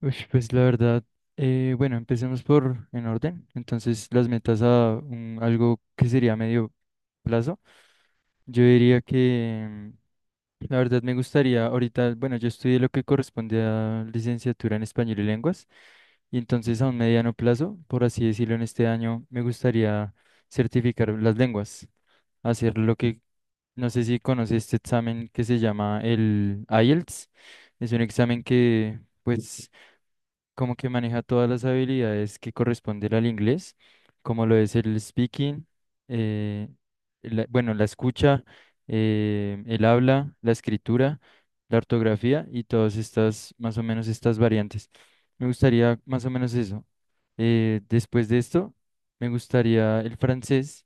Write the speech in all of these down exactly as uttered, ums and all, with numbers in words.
Uy, pues la verdad, eh, bueno, empecemos por en orden. Entonces, las metas a un- algo que sería medio plazo. Yo diría que mm, la verdad me gustaría ahorita, bueno, yo estudié lo que corresponde a licenciatura en español y lenguas, y entonces a un mediano plazo, por así decirlo, en este año me gustaría certificar las lenguas, hacer lo que, no sé si conoce este examen que se llama el IELTS. Es un examen que, pues como que maneja todas las habilidades que corresponden al inglés, como lo es el speaking, eh, la- bueno, la escucha, eh, el habla, la escritura, la ortografía y todas estas, más o menos estas variantes. Me gustaría más o menos eso. Eh, después de esto, me gustaría el francés,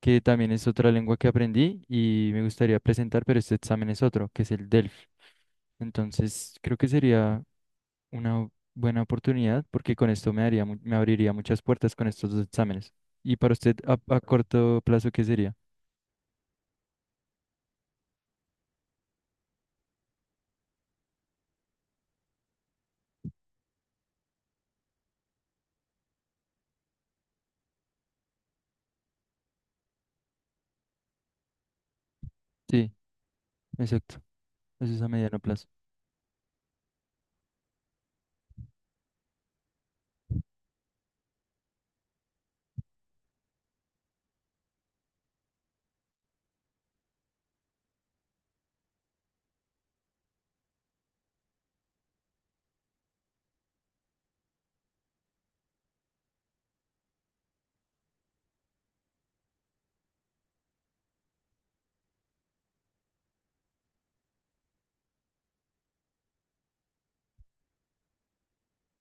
que también es otra lengua que aprendí y me gustaría presentar, pero este examen es otro, que es el DELF. Entonces, creo que sería una buena oportunidad porque con esto me daría, mu- me abriría muchas puertas con estos dos exámenes. ¿Y para usted a, a corto plazo qué sería? Sí, exacto. Eso es a mediano plazo.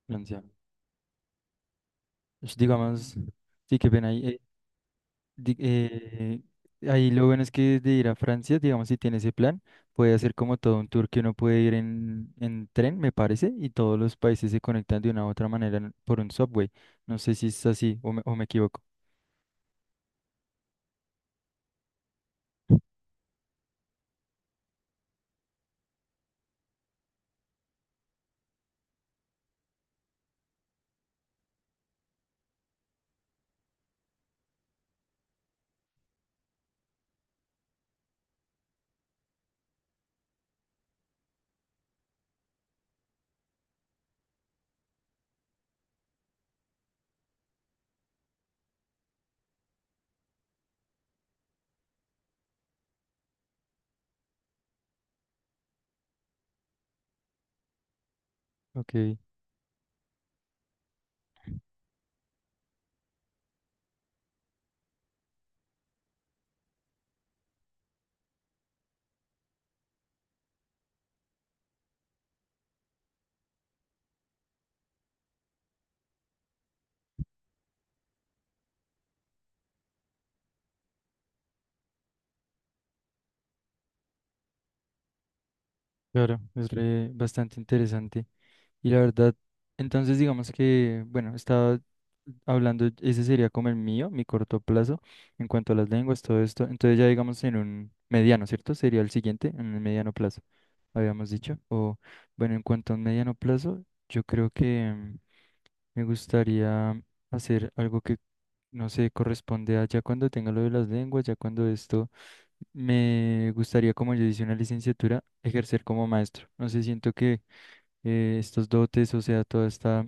Financiado. Pues, digamos, sí, que ven ahí. eh, di- eh, Ahí lo bueno es que de ir a Francia, digamos, si tiene ese plan, puede hacer como todo un tour que uno puede ir en, en tren, me parece, y todos los países se conectan de una u otra manera en- por un subway. No sé si es así o me, o me equivoco. Ok, claro, es re- bastante interesante. Y la verdad, entonces digamos que, bueno, estaba hablando, ese sería como el mío, mi corto plazo, en cuanto a las lenguas, todo esto. Entonces ya digamos en un mediano, ¿cierto? Sería el siguiente, en el mediano plazo, habíamos dicho. O bueno, en cuanto a un mediano plazo, yo creo que mm, me gustaría hacer algo que, no sé, corresponde a ya cuando tenga lo de las lenguas, ya cuando esto, me gustaría, como yo hice una licenciatura, ejercer como maestro. No sé, siento que eh, estos dotes, o sea, toda esta,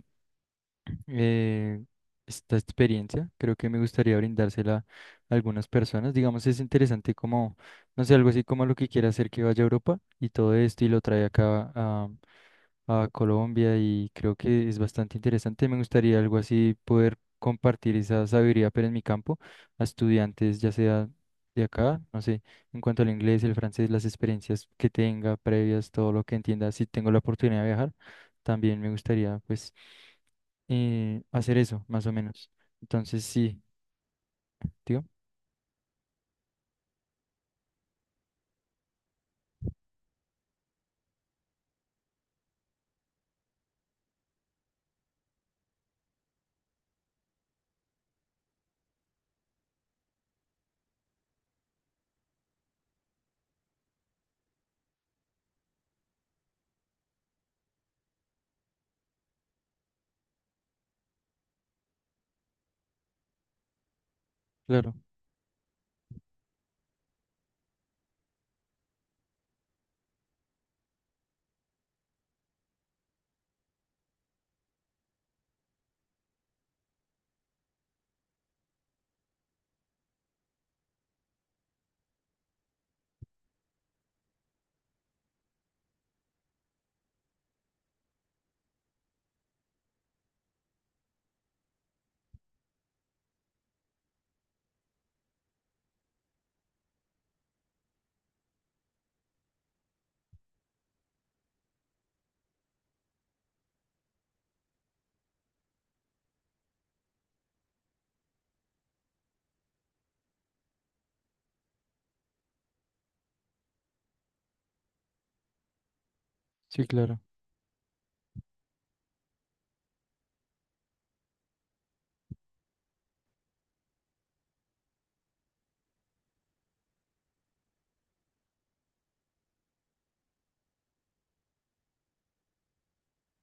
eh, esta experiencia. Creo que me gustaría brindársela a algunas personas. Digamos, es interesante como, no sé, algo así como lo que quiere hacer que vaya a Europa y todo esto y lo trae acá a, a Colombia y creo que es bastante interesante. Me gustaría algo así poder compartir esa sabiduría, pero en mi campo, a estudiantes, ya sea de acá, no sé, en cuanto al inglés, el francés, las experiencias que tenga previas, todo lo que entienda, si tengo la oportunidad de viajar, también me gustaría pues eh, hacer eso, más o menos. Entonces, sí, digo, claro, sí, claro,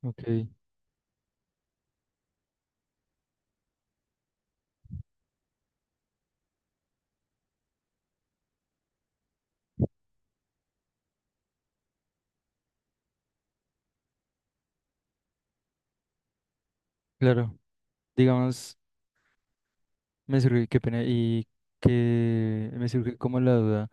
ok, claro. Digamos, me surge, qué pena, y que me surge como la duda,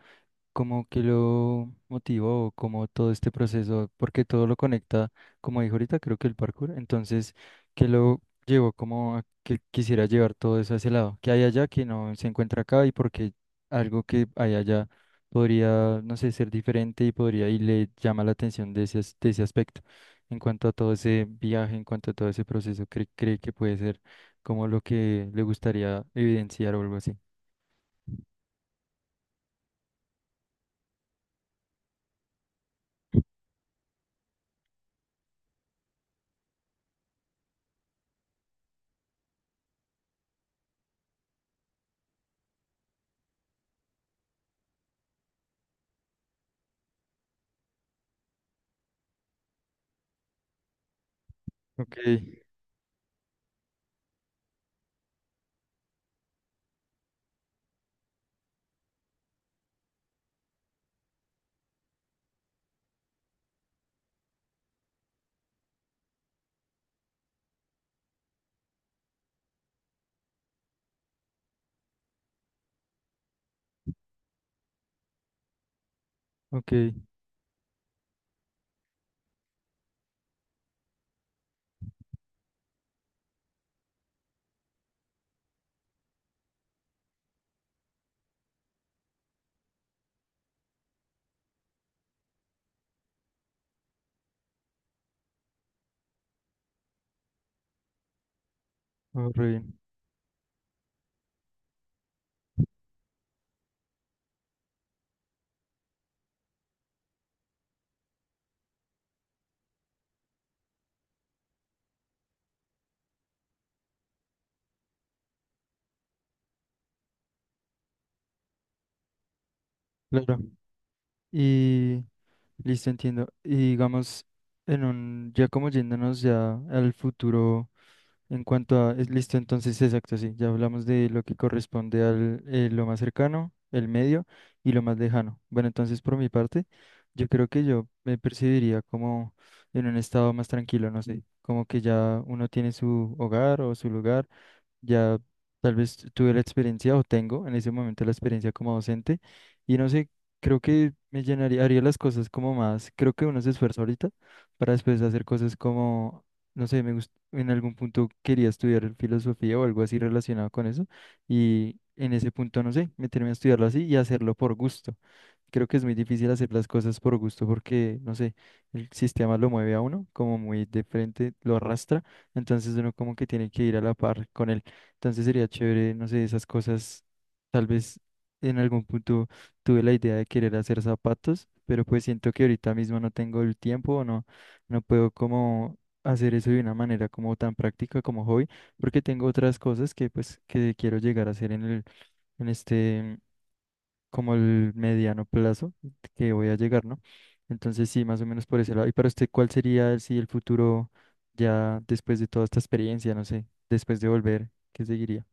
como que lo motivó, como todo este proceso, porque todo lo conecta, como dijo ahorita, creo que el parkour, entonces, que lo llevó como a que quisiera llevar todo eso a ese lado, que hay allá que no se encuentra acá y porque algo que hay allá podría, no sé, ser diferente y podría, y le llama la atención de ese, as- de ese aspecto, en cuanto a todo ese viaje, en cuanto a todo ese proceso, cree, cree que puede ser como lo que le gustaría evidenciar o algo así. Ok, ok, oh, re bien, claro. Y listo, entiendo. Y digamos, en un, ya como yéndonos ya al futuro, en cuanto a, es listo, entonces exacto, sí, ya hablamos de lo que corresponde al eh, lo más cercano, el medio y lo más lejano. Bueno, entonces por mi parte, yo creo que yo me percibiría como en un estado más tranquilo, no sé, como que ya uno tiene su hogar o su lugar ya tal vez tuve la experiencia o tengo en ese momento la experiencia como docente y no sé, creo que me llenaría, haría las cosas como más, creo que uno se esfuerza ahorita para después hacer cosas como, no sé, me gust- en algún punto quería estudiar filosofía o algo así relacionado con eso y en ese punto, no sé, meterme a estudiarlo así y hacerlo por gusto. Creo que es muy difícil hacer las cosas por gusto porque, no sé, el sistema lo mueve a uno como muy de frente, lo arrastra, entonces uno como que tiene que ir a la par con él. Entonces sería chévere, no sé, esas cosas. Tal vez en algún punto tuve la idea de querer hacer zapatos, pero pues siento que ahorita mismo no tengo el tiempo o no, no puedo como hacer eso de una manera como tan práctica como hoy porque tengo otras cosas que pues que quiero llegar a hacer en el, en este, como el mediano plazo que voy a llegar, ¿no? Entonces sí, más o menos por ese lado. ¿Y para usted cuál sería si el futuro ya después de toda esta experiencia, no sé, después de volver, qué seguiría?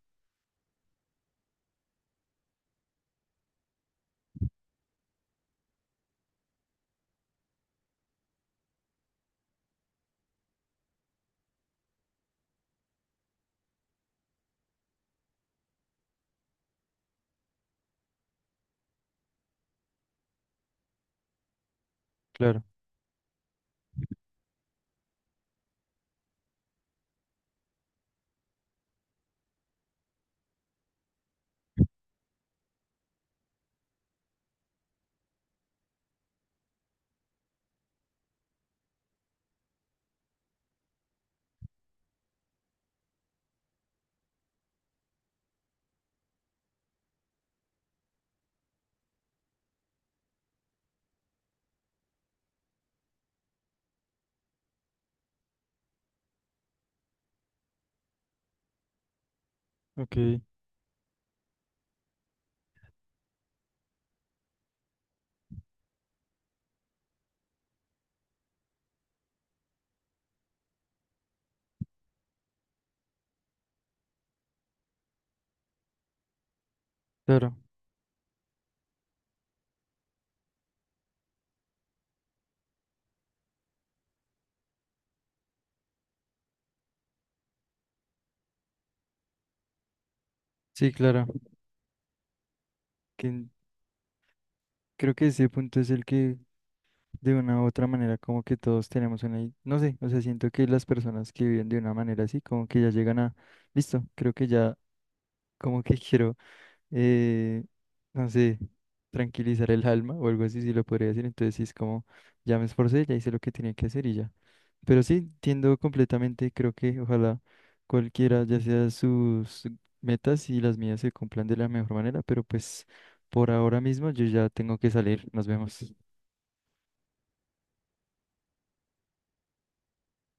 Claro. Ok, claro, sí, claro, que creo que ese punto es el que de una u otra manera como que todos tenemos una, i- no sé, o sea, siento que las personas que viven de una manera así como que ya llegan a, listo, creo que ya como que quiero eh, no sé, tranquilizar el alma o algo así, si lo podría decir. Entonces sí es como, ya me esforcé, ya hice lo que tenía que hacer y ya. Pero sí, entiendo completamente, creo que ojalá cualquiera, ya sea sus metas y las mías se cumplan de la mejor manera, pero pues por ahora mismo yo ya tengo que salir, nos vemos.